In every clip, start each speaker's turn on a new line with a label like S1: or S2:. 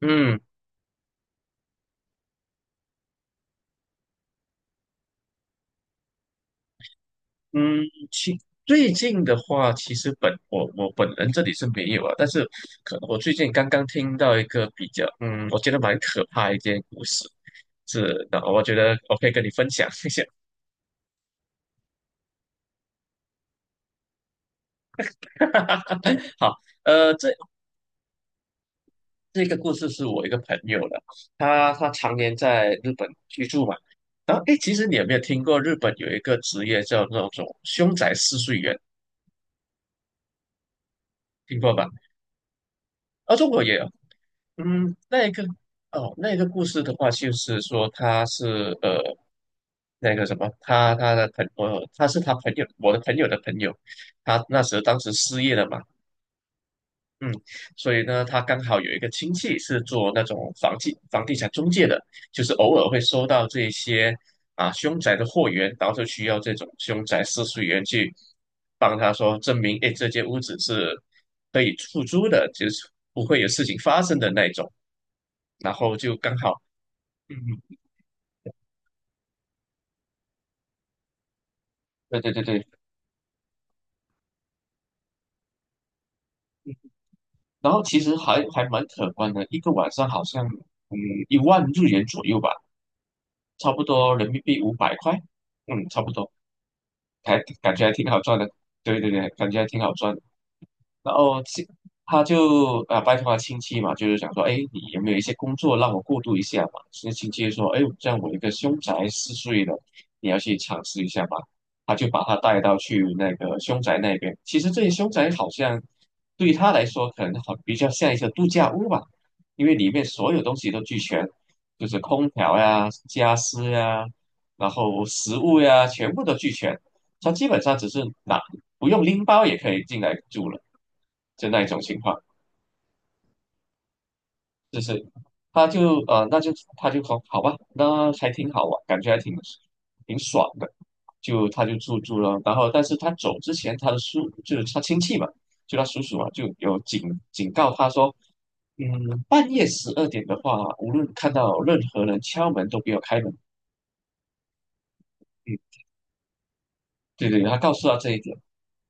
S1: 嗯嗯，其最近的话，其实本我我本人这里是没有啊，但是可能我最近刚刚听到一个比较，我觉得蛮可怕的一件故事，是，那我觉得我可以跟你分享一下。好，呃，这这个故事是我一个朋友的，他常年在日本居住嘛，然后诶，其实你有没有听过日本有一个职业叫那种凶宅试睡员，听过吧？啊，中国也有，嗯，那个哦，那个故事的话，就是说他是呃，那个什么，他他的朋我他是他朋友，我的朋友的朋友，他那时候当时失业了嘛，嗯，所以呢，他刚好有一个亲戚是做那种房地产中介的，就是偶尔会收到这些啊凶宅的货源，然后就需要这种凶宅试睡员去帮他说证明，哎，这间屋子是可以出租的，就是不会有事情发生的那种。然后就刚好，嗯，对对对对，然后其实还蛮可观的，一个晚上好像1万日元左右吧，差不多人民币500块，嗯，差不多，还感觉还挺好赚的，对对对，感觉还挺好赚的。然后他就啊拜托他亲戚嘛，就是想说，哎，你有没有一些工作让我过渡一下嘛？所以亲戚就说，哎，这样我一个凶宅四岁的。你要去尝试一下吧。他就把他带到去那个凶宅那边。其实这些凶宅好像对他来说，可能好比较像一个度假屋吧，因为里面所有东西都俱全，就是空调呀、家私呀，然后食物呀，全部都俱全。他基本上只是拿不用拎包也可以进来住了。就那一种情况，就是他就他就说好吧，那还挺好玩，感觉还挺爽的，就他就住住了，然后但是他走之前，他的叔就是他亲戚嘛，就他叔叔啊，就有警告他说，嗯，半夜十二点的话，无论看到任何人敲门都不要开门，嗯，对对，他告诉他这一点。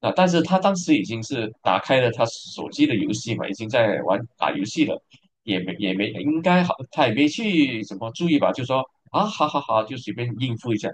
S1: 但是他当时已经是打开了他手机的游戏嘛，已经在玩打游戏了，也没应该好，他也没去怎么注意吧，就说啊好好好，就随便应付一下。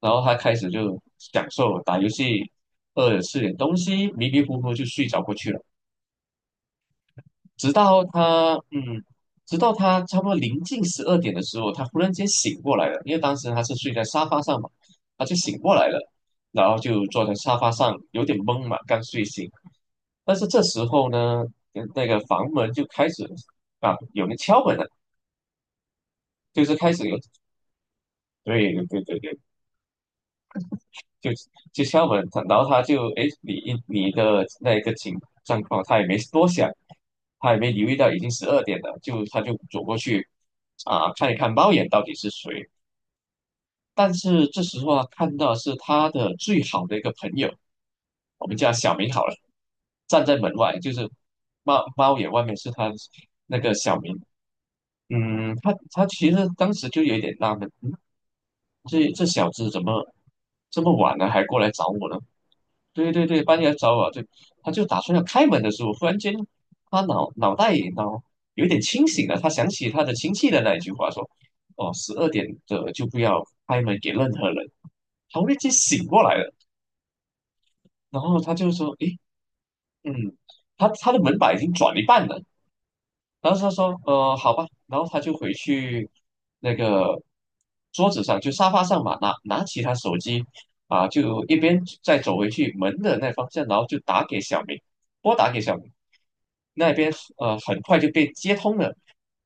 S1: 然后他开始就享受打游戏，饿了吃点东西，迷迷糊糊就睡着过去了。直到他嗯，直到他差不多临近十二点的时候，他忽然间醒过来了，因为当时他是睡在沙发上嘛，他就醒过来了，然后就坐在沙发上，有点懵嘛，刚睡醒。但是这时候呢，那个房门就开始啊，有人敲门了，就是开始有，对对对对对就就敲门，然后他就哎诶你的那个状况，他也没多想，他也没留意到已经十二点了，就他就走过去啊、看一看猫眼到底是谁。但是这时候啊，看到是他的最好的一个朋友，我们叫小明好了，站在门外，就是猫眼外面是他那个小明。嗯，他其实当时就有点纳闷，这小子怎么这么晚了还过来找我呢？对对对，半夜来找我，对，他就打算要开门的时候，忽然间，他脑袋有点清醒了，他想起他的亲戚的那一句话，说：“哦，十二点的就不要开门给任何人。”他忽然间醒过来了，然后他就说：“诶，嗯，他的门把已经转一半了。”然后他说，好吧，然后他就回去那个桌子上，就沙发上嘛，拿起他手机啊，就一边再走回去门的那方向，然后就打给小明，拨打给小明，那边很快就被接通了，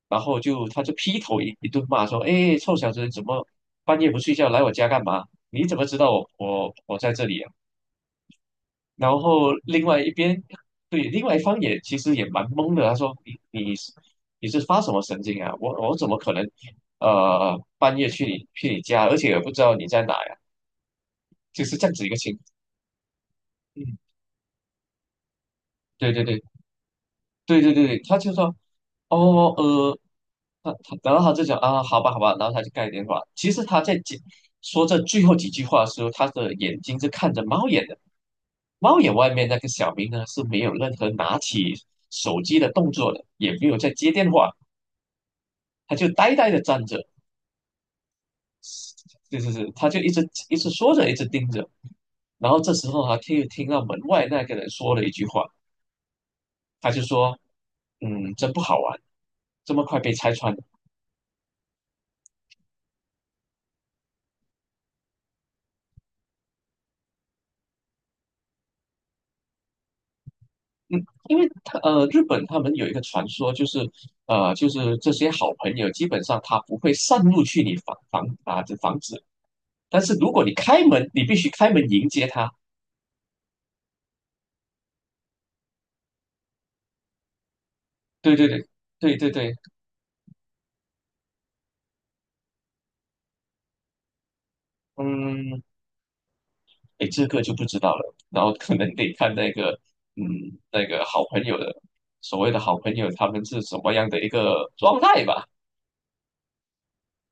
S1: 然后他就劈头一顿骂说，哎，臭小子，怎么半夜不睡觉来我家干嘛？你怎么知道我在这里啊？然后另外一边，对，另外一方也其实也蛮懵的。他说：“你是发什么神经啊？我怎么可能，半夜去你家，而且也不知道你在哪呀？就是这样子一个情。”嗯，对对对对对对对，他就说：“哦呃，然后他就讲啊，好吧好吧，然后他就挂电话。其实他在讲说这最后几句话的时候，他的眼睛是看着猫眼的。猫眼外面那个小明呢是没有任何拿起手机的动作的，也没有在接电话。”他就呆呆的站着，就是是，他就一直一直说着，一直盯着。然后这时候他听听到门外那个人说了一句话，他就说：“嗯，真不好玩，这么快被拆穿了。”嗯，因为他日本他们有一个传说，就是这些好朋友基本上他不会擅入去你房房啊这房子，但是如果你开门，你必须开门迎接他。对对对对对对，嗯，哎，这个就不知道了。然后可能得看那个，嗯，那个好朋友的，所谓的好朋友，他们是什么样的一个状态吧。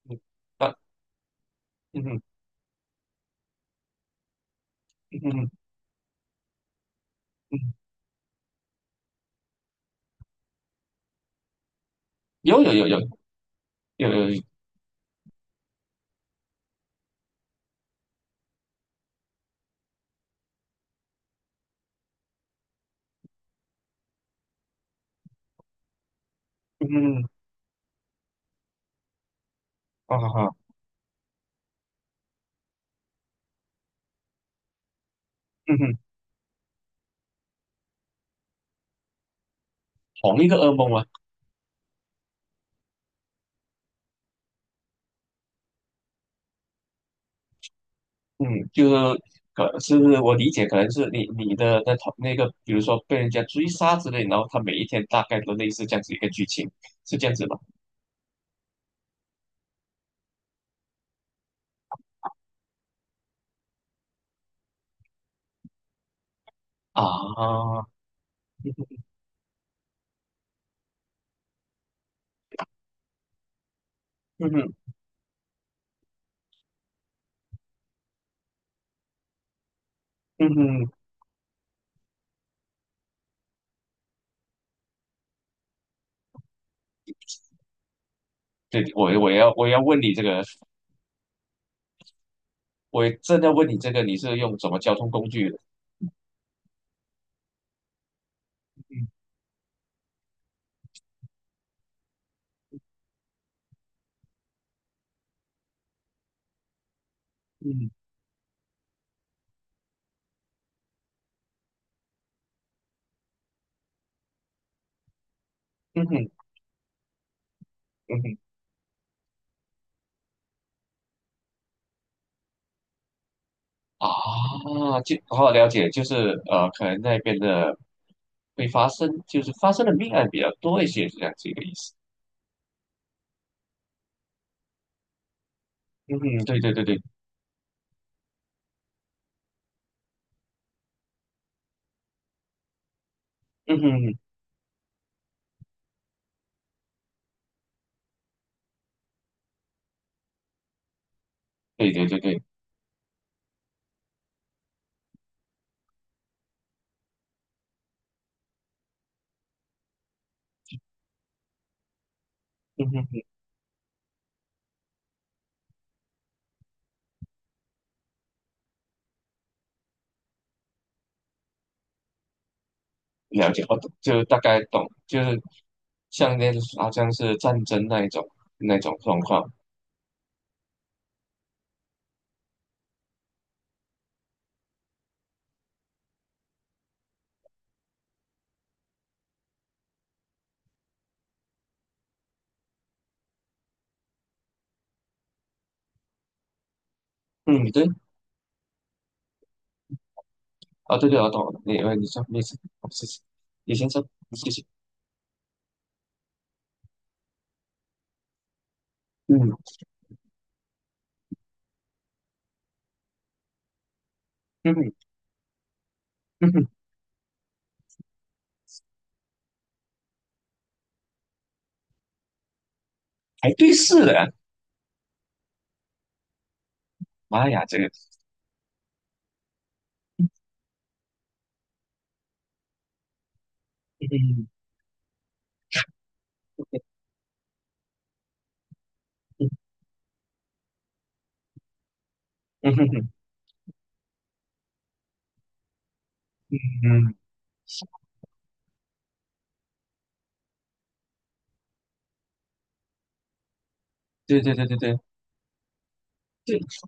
S1: 嗯啊，嗯哼嗯哼嗯哼，有有有有有有，嗯，啊哈哈，嗯哼，同一个噩梦吗？嗯，就是可是我理解，可能是你的那个，比如说被人家追杀之类，然后他每一天大概都类似这样子一个剧情，是这样子吧？啊，嗯哼嗯哼，对，我要问你这个。我也正在问你这个，你是用什么交通工具的？嗯嗯哼，嗯哼，啊，就好好了解，就是可能那边的会发生，就是发生的命案比较多一些，是这样子一个意思。嗯哼，对对对对，嗯哼，嗯哼对对对对，嗯哼嗯对对对对嗯哼了解，我懂就大概懂，就是像那好像是战争那种状况。嗯，对，啊，对对，我懂了，你你说没事，好谢谢。你先说，谢谢。嗯嗯哼嗯哼，还对视了，妈呀，这个，嗯嗯嗯哼哼嗯，对对对对对对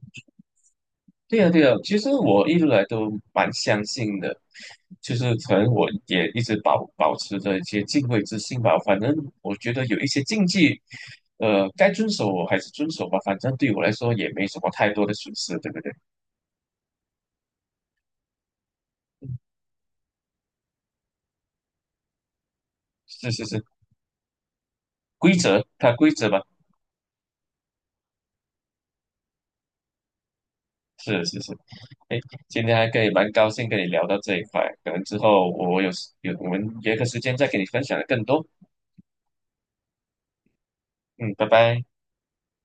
S1: 对呀对呀，其实我一直来都蛮相信的，就是可能我也一直保持着一些敬畏之心吧。反正我觉得有一些禁忌，该遵守我还是遵守吧。反正对我来说也没什么太多的损失，对不对？是是是，规则，它规则吧。是是是，哎，今天还可以蛮高兴跟你聊到这一块，可能之后我有时有我们约个时间再给你分享的更多。嗯，拜拜。